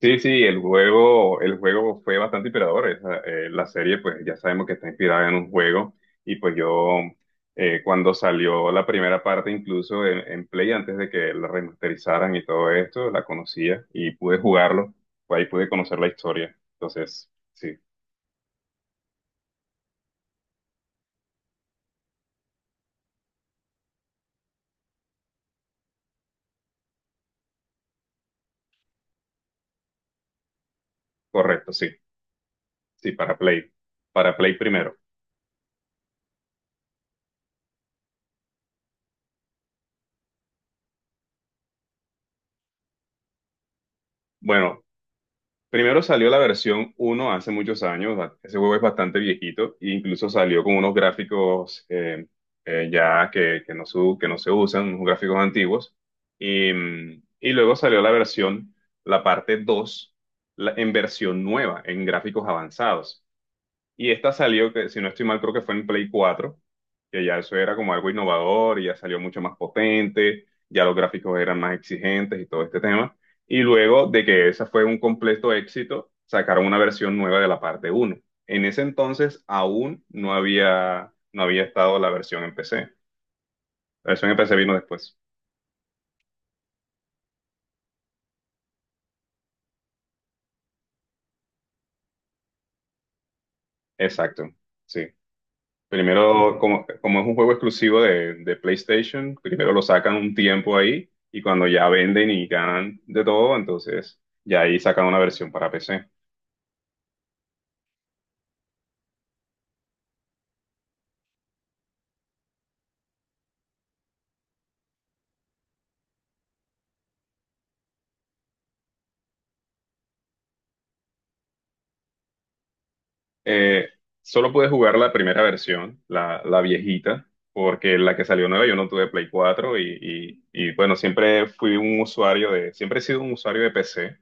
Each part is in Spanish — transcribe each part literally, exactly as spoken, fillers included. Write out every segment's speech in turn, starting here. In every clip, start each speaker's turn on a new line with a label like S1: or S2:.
S1: Sí, sí, el juego, el juego fue bastante inspirador. Esa, eh, la serie, pues ya sabemos que está inspirada en un juego. Y pues yo, eh, cuando salió la primera parte, incluso en, en Play, antes de que la remasterizaran y todo esto, la conocía y pude jugarlo. Pues ahí pude conocer la historia. Entonces, sí, correcto, sí, sí, para Play, para Play primero. Bueno, primero salió la versión uno hace muchos años, ba- ese juego es bastante viejito, e incluso salió con unos gráficos eh, eh, ya que, que no se, u- que no se usan, unos gráficos antiguos, y, mm, y luego salió la versión, la parte dos, la- en versión nueva, en gráficos avanzados. Y esta salió, que si no estoy mal, creo que fue en Play cuatro, que ya eso era como algo innovador y ya salió mucho más potente, ya los gráficos eran más exigentes y todo este tema. Y luego de que esa fue un completo éxito, sacaron una versión nueva de la parte uno. En ese entonces aún no había, no había estado la versión en P C. La versión en P C vino después. Exacto. Sí. Primero, como, como es un juego exclusivo de, de PlayStation, primero lo sacan un tiempo ahí y cuando ya venden y ganan de todo, entonces ya ahí sacan una versión para P C. Eh, Solo pude jugar la primera versión, la, la viejita, porque la que salió nueva yo no tuve Play cuatro y, y, y, bueno, siempre fui un usuario de, siempre he sido un usuario de P C.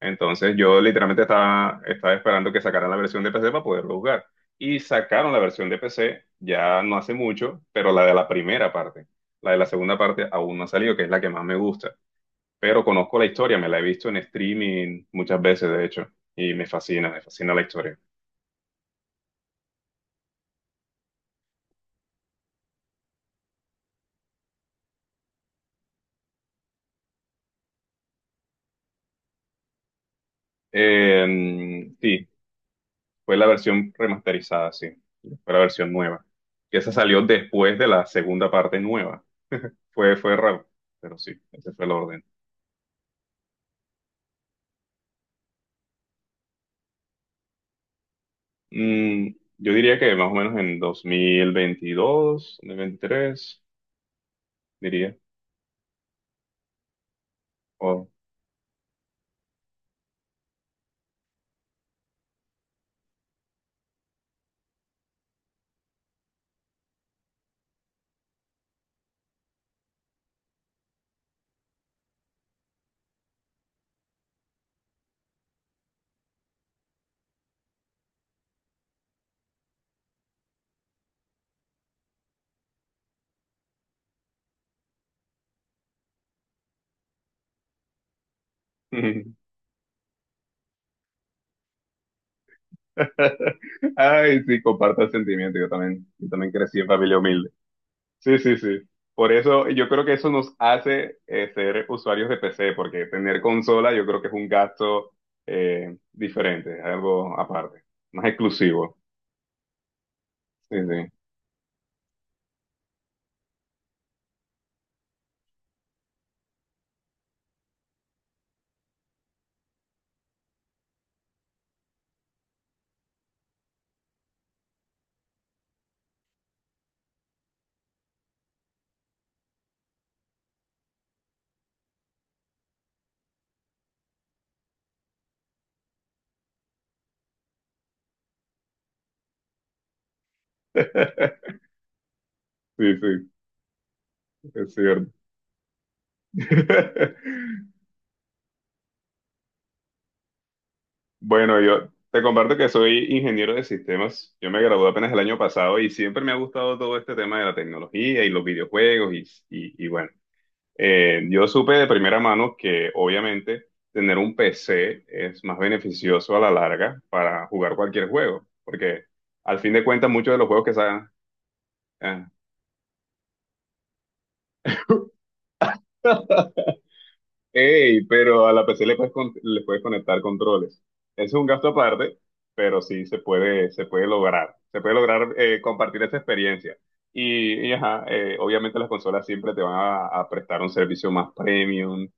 S1: Entonces yo literalmente estaba, estaba esperando que sacaran la versión de P C para poderlo jugar. Y sacaron la versión de P C ya no hace mucho, pero la de la primera parte. La de la segunda parte aún no ha salido, que es la que más me gusta. Pero conozco la historia, me la he visto en streaming muchas veces, de hecho, y me fascina, me fascina la historia. Eh, sí, fue la versión remasterizada, sí. Fue la versión nueva. Que esa salió después de la segunda parte nueva. Fue, fue raro, pero sí, ese fue el orden. Mm, yo diría que más o menos en dos dos mil veintidós, dos mil veintitrés, diría. Oh. Ay, sí, comparto el sentimiento. Yo también, yo también crecí en familia humilde. Sí, sí, sí. Por eso yo creo que eso nos hace eh, ser usuarios de P C, porque tener consola yo creo que es un gasto eh, diferente, algo aparte, más exclusivo. Sí, sí. Sí, sí, es cierto. Bueno, yo te comparto que soy ingeniero de sistemas. Yo me gradué apenas el año pasado y siempre me ha gustado todo este tema de la tecnología y los videojuegos y, y, y bueno. Eh, yo supe de primera mano que obviamente tener un P C es más beneficioso a la larga para jugar cualquier juego, porque al fin de cuentas muchos de los juegos que, sa- eh, ey, pero a la P C le puedes, con- le puedes conectar controles. Ese es un gasto aparte, pero sí se puede, se puede lograr. Se puede lograr eh, compartir esa experiencia. Y, y ajá, eh, obviamente las consolas siempre te van a, a prestar un servicio más premium,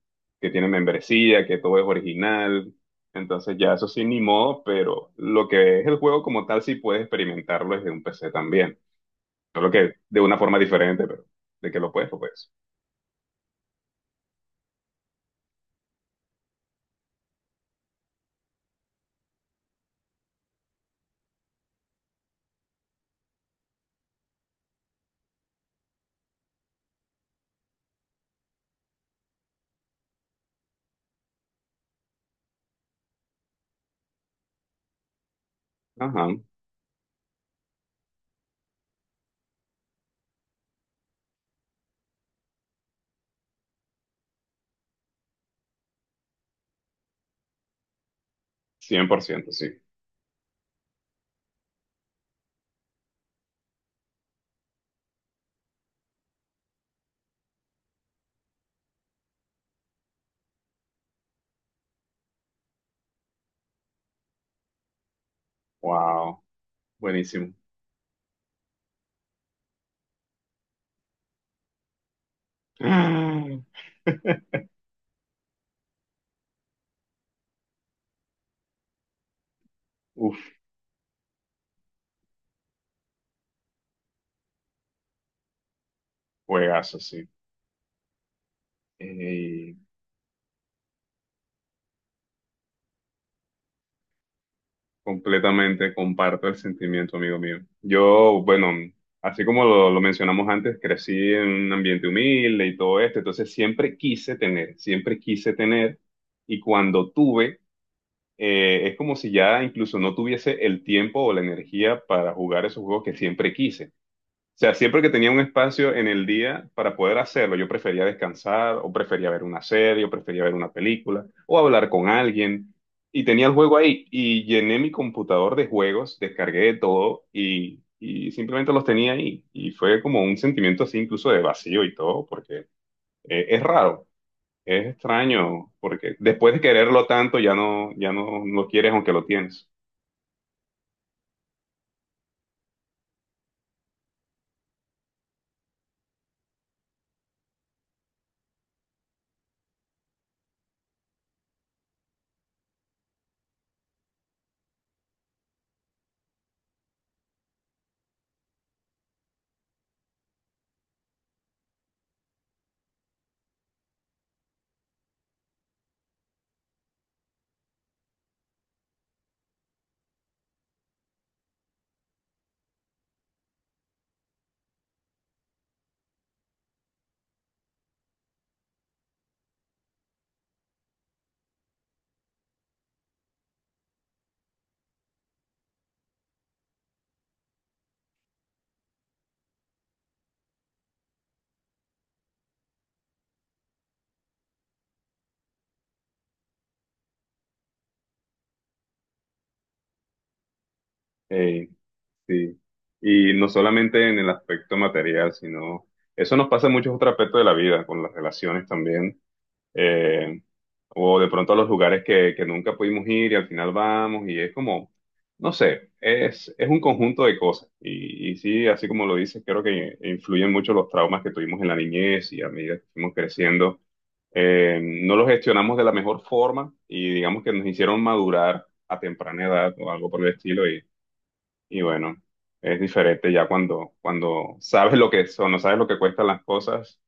S1: que tiene membresía, que todo es original. Entonces ya eso sí, ni modo, pero lo que es el juego como tal sí puedes experimentarlo desde un P C también. Solo que de una forma diferente, pero de que lo puedes, lo puedes. Ajá, cien por ciento, sí. Wow. Buenísimo. Ah. Uf, juegazo, sí. Eh, Completamente comparto el sentimiento, amigo mío. Yo, bueno, así como lo, lo mencionamos antes, crecí en un ambiente humilde y todo esto, entonces siempre quise tener, siempre quise tener, y cuando tuve, eh, es como si ya incluso no tuviese el tiempo o la energía para jugar esos juegos que siempre quise. O sea, siempre que tenía un espacio en el día para poder hacerlo, yo prefería descansar o prefería ver una serie o prefería ver una película o hablar con alguien. Y tenía el juego ahí y llené mi computador de juegos, descargué de todo y, y simplemente los tenía ahí. Y fue como un sentimiento así incluso de vacío y todo, porque eh, es raro, es extraño, porque después de quererlo tanto ya no, ya no lo quieres aunque lo tienes. Ey, sí. Y no solamente en el aspecto material, sino eso nos pasa en muchos otros aspectos de la vida, con las relaciones también, eh, o de pronto a los lugares que, que nunca pudimos ir y al final vamos y es como, no sé, es, es un conjunto de cosas. Y, y sí, así como lo dices, creo que influyen mucho los traumas que tuvimos en la niñez y a medida que fuimos creciendo, eh, no los gestionamos de la mejor forma y digamos que nos hicieron madurar a temprana edad o algo por el estilo y bueno, es diferente ya cuando, cuando sabes lo que son, no sabes lo que cuestan las cosas,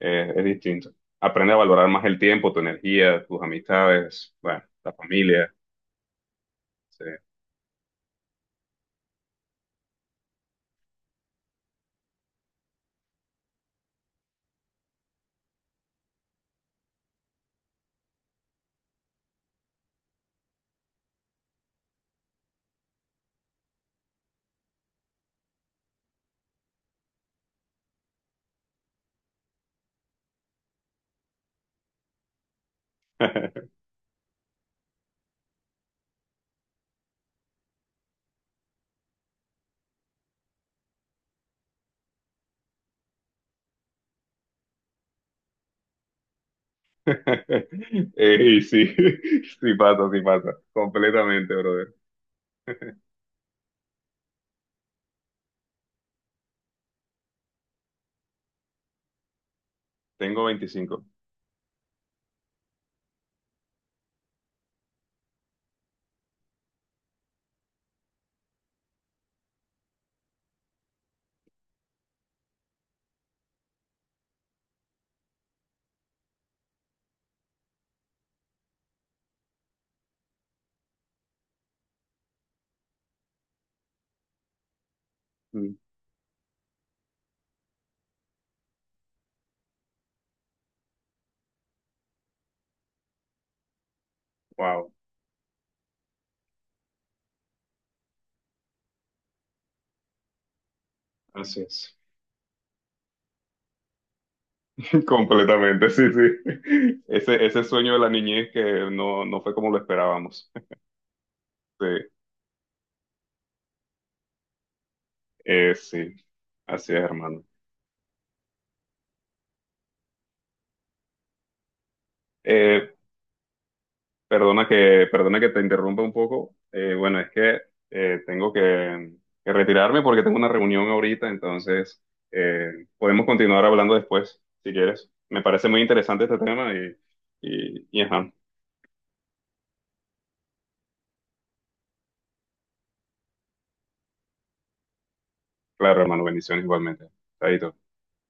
S1: eh, es distinto. Aprende a valorar más el tiempo, tu energía, tus amistades, bueno, la familia. Sí. Eh, y sí, sí pasa, sí pasa, completamente, brother. Tengo veinticinco. Mm, Wow, así es. Completamente, sí, sí. Ese, ese sueño de la niñez que no, no fue como lo esperábamos. Sí, eh, sí, así es, hermano. Eh, Perdona que, perdona que te interrumpa un poco. Eh, bueno, es que eh, tengo que, que retirarme porque tengo una reunión ahorita, entonces eh, podemos continuar hablando después, si quieres. Me parece muy interesante este tema y, y, y ajá. Claro, hermano, bendiciones igualmente. Chaito.